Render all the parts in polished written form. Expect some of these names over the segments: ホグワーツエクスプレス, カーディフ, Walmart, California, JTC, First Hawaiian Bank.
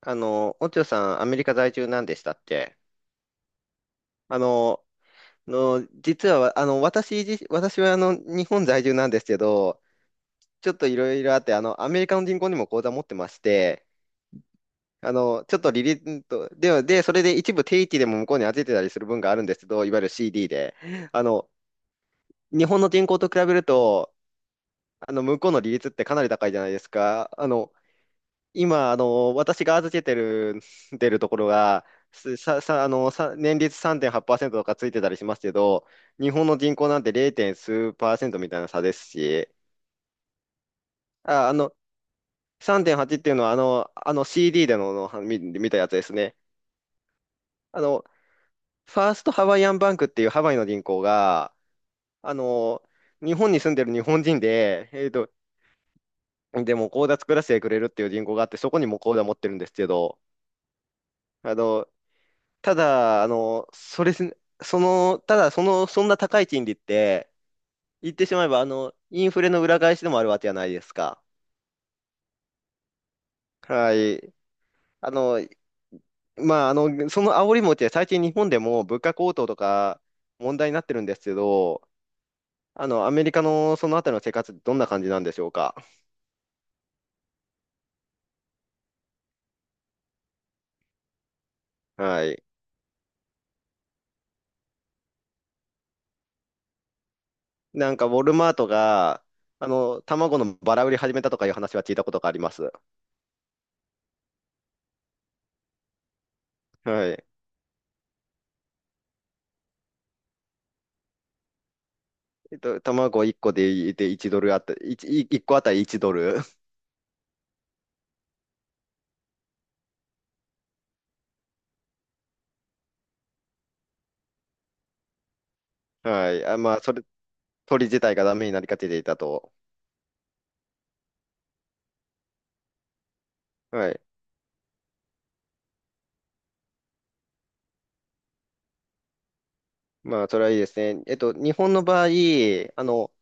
オチョさん、アメリカ在住なんでしたっけ？あの、実は、私は、日本在住なんですけど、ちょっといろいろあって、アメリカの銀行にも口座持ってまして、ちょっと利率と、では、で、それで一部定期でも向こうに預けてたりする分があるんですけど、いわゆる CD で。あの、日本の銀行と比べると、向こうの利率ってかなり高いじゃないですか。今、私が預けてる、出るところが、すさ、さ、あの、さ、年率3.8%とかついてたりしますけど、日本の人口なんて 0. 数パーセントみたいな差ですし、あ、あの、3.8っていうのは、あの CD での、のは見、見たやつですね。あの、ファーストハワイアンバンクっていうハワイの銀行が、あの、日本に住んでる日本人で、でも口座作らせてくれるっていう銀行があって、そこにも口座持ってるんですけど、あの、ただ、あの、それすね、その、ただ、その、そんな高い賃利って、言ってしまえば、インフレの裏返しでもあるわけじゃないですか。はい。あの、まあ、その煽り餅は最近日本でも物価高騰とか問題になってるんですけど、アメリカのそのあたりの生活ってどんな感じなんでしょうか？はい。なんか、ウォルマートが、卵のバラ売り始めたとかいう話は聞いたことがあります。はい。卵1個で、1ドルあった、1、い一個あたり1ドル。はい。まあ、鳥自体がダメになりかけていたと。はい。まあ、それはいいですね。日本の場合、あの、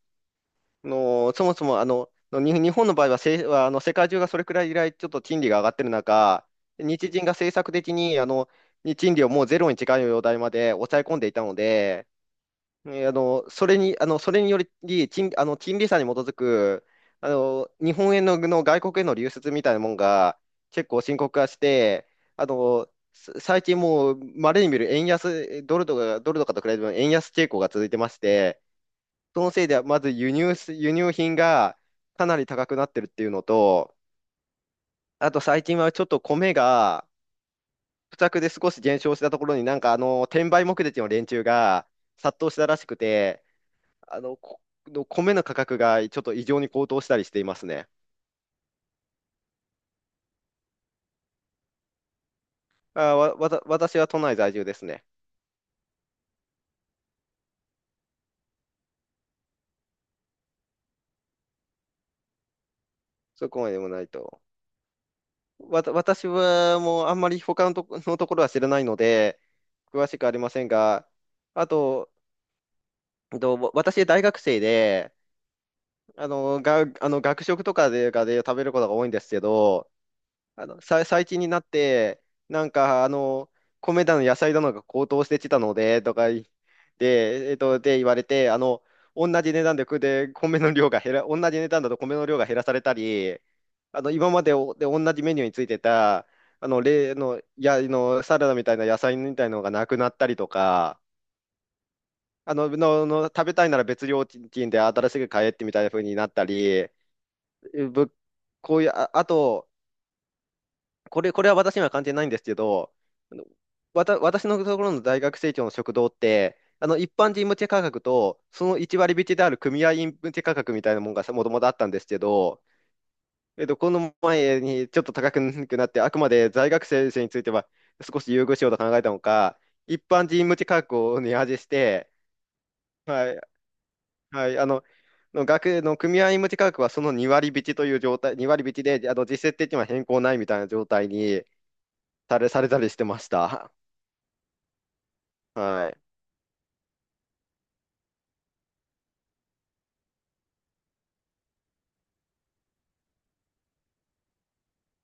そもそも、日本の場合は、せ、はあの、世界中がそれくらい以来、ちょっと賃金が上がってる中、日銀が政策的に、賃金をもうゼロに近い状態まで抑え込んでいたので、それにより、賃、あの、金利差に基づく、日本円の外国への流出みたいなもんが結構深刻化して、最近もう稀に見る円安、ドルとかと比べても円安傾向が続いてまして、そのせいでまず輸入品がかなり高くなってるっていうのと、あと最近はちょっと米が不作で少し減少したところに転売目的の連中が殺到したらしくて、この米の価格がちょっと異常に高騰したりしていますね。あ、わ、わた、私は都内在住ですね。そこまでもないと。私はもうあんまり他のとこ、のところは知らないので、詳しくありませんが、あと、えっとわ私大学生で、あの学食とかで食べることが多いんですけど、最近になって、なんか、あの、米だの野菜だのが高騰してきたので、とかい、で、えっと、で、言われて、同じ値段だと米の量が減らされたり、今まで同じメニューについてた、あの、例の、や、の、サラダみたいな野菜みたいなのがなくなったりとか、あの、の、の、食べたいなら別料金で新しく買えってみたいな風になったり、ぶこういう、あと、これは私には関係ないんですけど、あのわた、私のところの大学生協の食堂って、あの一般人向け価格と、その1割引きである組合員向け価格みたいなものがもともとあったんですけど、この前にちょっと高くなって、あくまで在学生については少し優遇しようと考えたのか、一般人向け価格を値上げして、はい、はい、あの、の学の組合員向け価格はその2割引きという状態、2割引きで、あの実質的には変更ないみたいな状態に、されたりしてました。はい。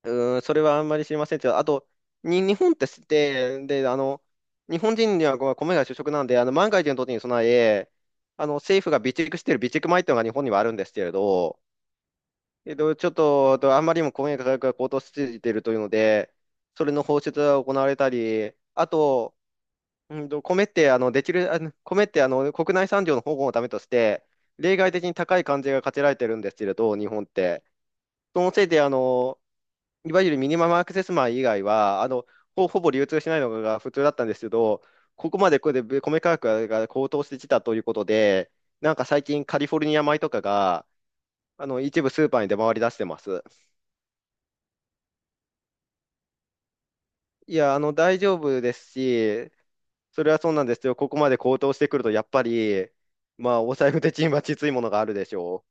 うーん、それはあんまり知りませんけど、あと、に、日本ってして、で、あの、日本人にはこう米が主食なんで、万が一の時に備え、政府が備蓄している備蓄米っていうのが日本にはあるんですけれど、えっと、ちょっと、とあんまりにも米価格が高騰しすぎているというので、それの放出が行われたり、あと、米って、国内産業の保護のためとして、例外的に高い関税が課せられてるんですけれど、日本って。そのせいで、いわゆるミニマムアクセス米以外は、ほぼ流通しないのが普通だったんですけど、ここまでこれで米価格が高騰してきたということで、なんか最近カリフォルニア米とかが、一部スーパーに出回り出してます。いや、大丈夫ですし、それはそうなんですけど、ここまで高騰してくると、やっぱり、まあ、お財布的にはきついものがあるでしょ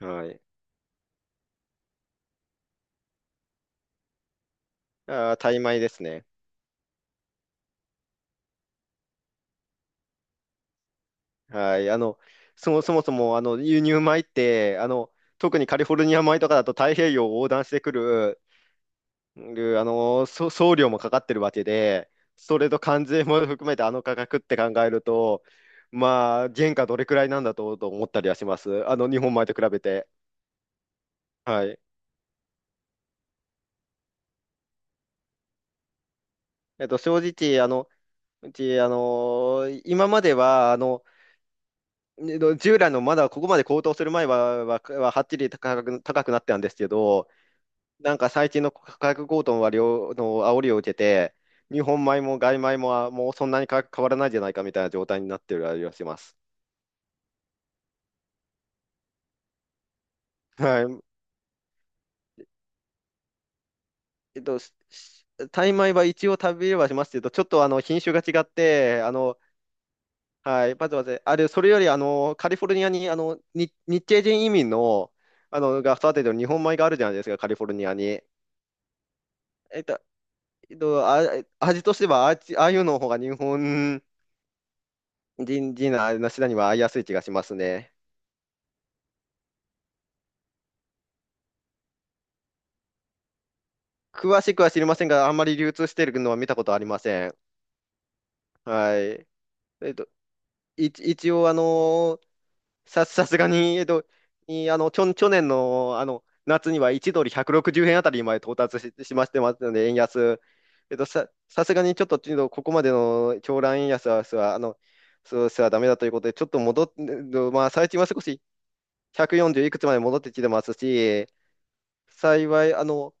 う。はい。大米ですね。はい、そもそも、輸入米って、特にカリフォルニア米とかだと太平洋を横断してくる、送料もかかってるわけで、それと関税も含めてあの価格って考えると、まあ、原価どれくらいなんだと、思ったりはします。日本米と比べて。はい。正直、あの、うち、あの、今までは、従来のまだここまで高騰する前は、はっきり高くなってたんですけど、なんか最近の価格高騰は両の煽りを受けて、日本米も外米ももうそんなに変わらないじゃないかみたいな状態になってるありはします。はい。えっと、ししタイ米は一応食べれはしますけど、ちょっとあの品種が違って、はい、まずまず、あれ、それよりあのカリフォルニアに日系人移民の、あのが育ててる日本米があるじゃないですか、カリフォルニアに。えっと、えっと、あ、味としてはあっち、ああいうの方が日本人、人な、なしなには合いやすい気がしますね。詳しくは知りませんが、あんまり流通しているのは見たことありません。はい。えっと、一応、さすがに、えっと、いあの、去、去年の、夏には1ドル160円あたりまで到達し、しましてますので、円安。さすがにちょっと、ここまでの狂乱円安は、すはあの、そうすはダメだということで、ちょっと戻っ、まあ、最近は少し140いくつまで戻ってきてますし、幸い、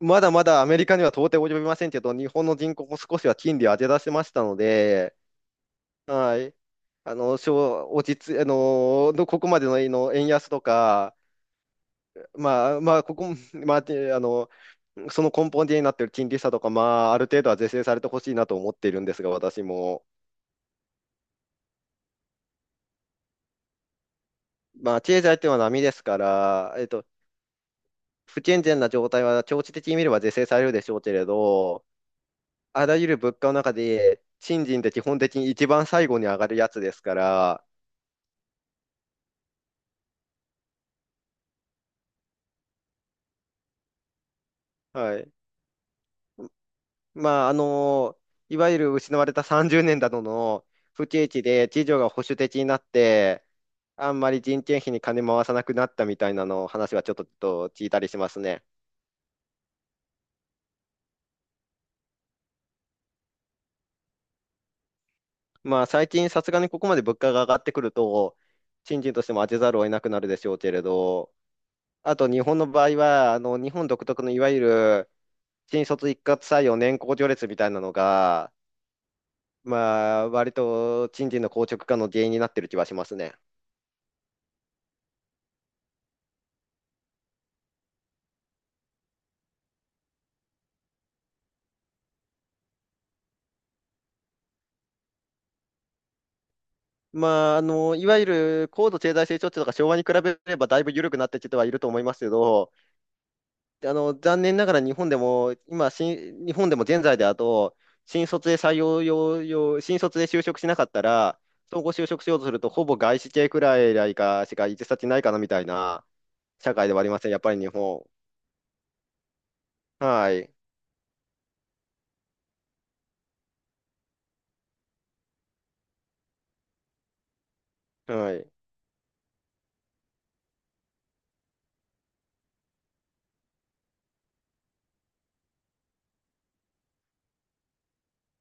まだまだアメリカには到底及びませんけど、日本の人口も少しは金利を上げ出せましたので、はい。あの、し落ち着、あの、こまでの、円安とか、まあ、まあ、ここ、まあ、てあの、その根本的になっている金利差とか、ある程度は是正されてほしいなと思っているんですが、私も。まあ、経済っていうのは波ですから、不健全な状態は長期的に見れば是正されるでしょうけれど、あらゆる物価の中で、賃金って基本的に一番最後に上がるやつですから、はい。まあ、いわゆる失われた30年などの不景気で、次女が保守的になって、あんまり人件費に金回さなくなったみたいなの話はちょっと聞いたりしますね。まあ、最近さすがにここまで物価が上がってくると、賃金としても当てざるを得なくなるでしょうけれど、あと日本の場合は、日本独特のいわゆる新卒一括採用年功序列みたいなのが、まあ、割と賃金の硬直化の原因になってる気はしますね。まあ、いわゆる高度経済成長期とか昭和に比べればだいぶ緩くなってきてはいると思いますけど、で残念ながら日本でも、現在で新卒で採用用、用新卒で就職しなかったら、総合就職しようとすると、ほぼ外資系くらいかしか行き先ないかなみたいな社会ではありません、やっぱり日本。はい、はい、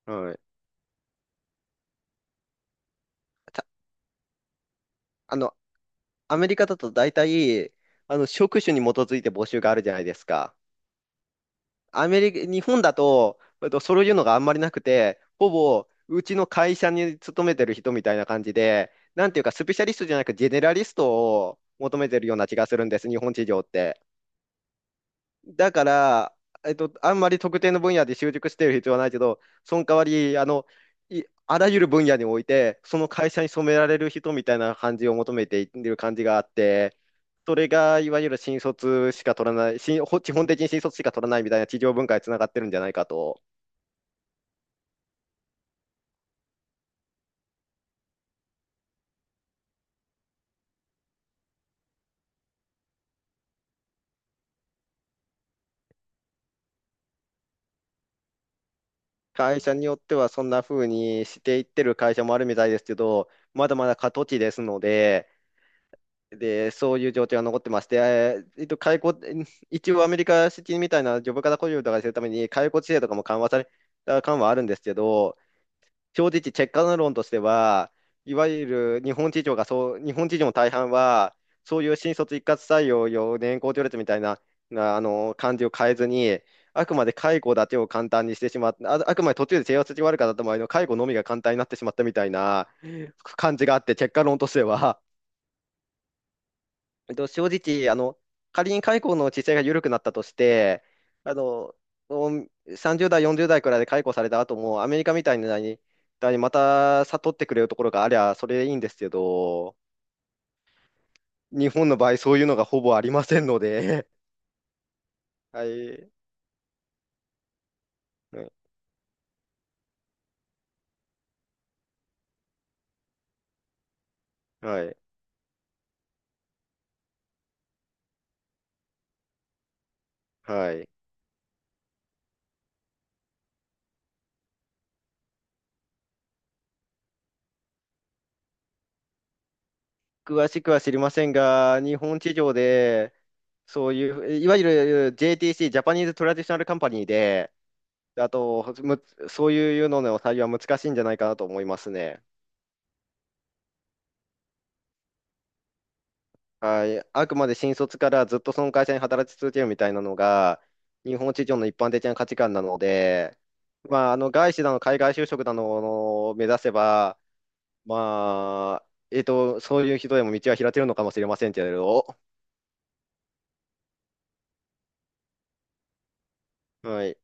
はい。たあの、アメリカだと大体、職種に基づいて募集があるじゃないですか。アメリカ、日本だと、そういうのがあんまりなくて、ほぼうちの会社に勤めてる人みたいな感じで、なんていうか、スペシャリストじゃなく、ジェネラリストを求めてるような気がするんです、日本市場って。だから、あんまり特定の分野で習熟してる必要はないけど、その代わり、あらゆる分野において、その会社に染められる人みたいな感じを求めている感じがあって、それがいわゆる新卒しか取らない、新、ほ基本的に新卒しか取らないみたいな企業文化につながってるんじゃないかと。会社によってはそんな風にしていってる会社もあるみたいですけど、まだまだ過渡期ですので、で、そういう状況が残ってまして、ーえっと、解雇、一応アメリカ式みたいなジョブ型雇用とかするために、解雇規制とかも緩和された感はあるんですけど、正直、結果論としては、いわゆる日本企業がそう、日本企業の大半は、そういう新卒一括採用、年功序列みたいな、感じを変えずに、あくまで解雇だけを簡単にしてしまった、あ、あくまで途中で制圧が悪かった場合の解雇のみが簡単になってしまったみたいな感じがあって、結果論としては。正直、仮に解雇の地勢が緩くなったとして、あの、もうさん30代、40代くらいで解雇された後も、アメリカみたいなに、また悟ってくれるところがありゃ、それでいいんですけど、日本の場合、そういうのがほぼありませんので、はい、はい、はい。詳しくは知りませんが、日本地上で、そういう、いわゆる JTC、ジャパニーズ・トラディショナル・カンパニーで、あと、むそういうのの採用は難しいんじゃないかなと思いますね。はい、あくまで新卒からずっとその会社に働き続けるみたいなのが、日本市場の一般的な価値観なので、まあ、外資だの海外就職だのを目指せば、まあ、そういう人でも道は開けるのかもしれませんけれど、はい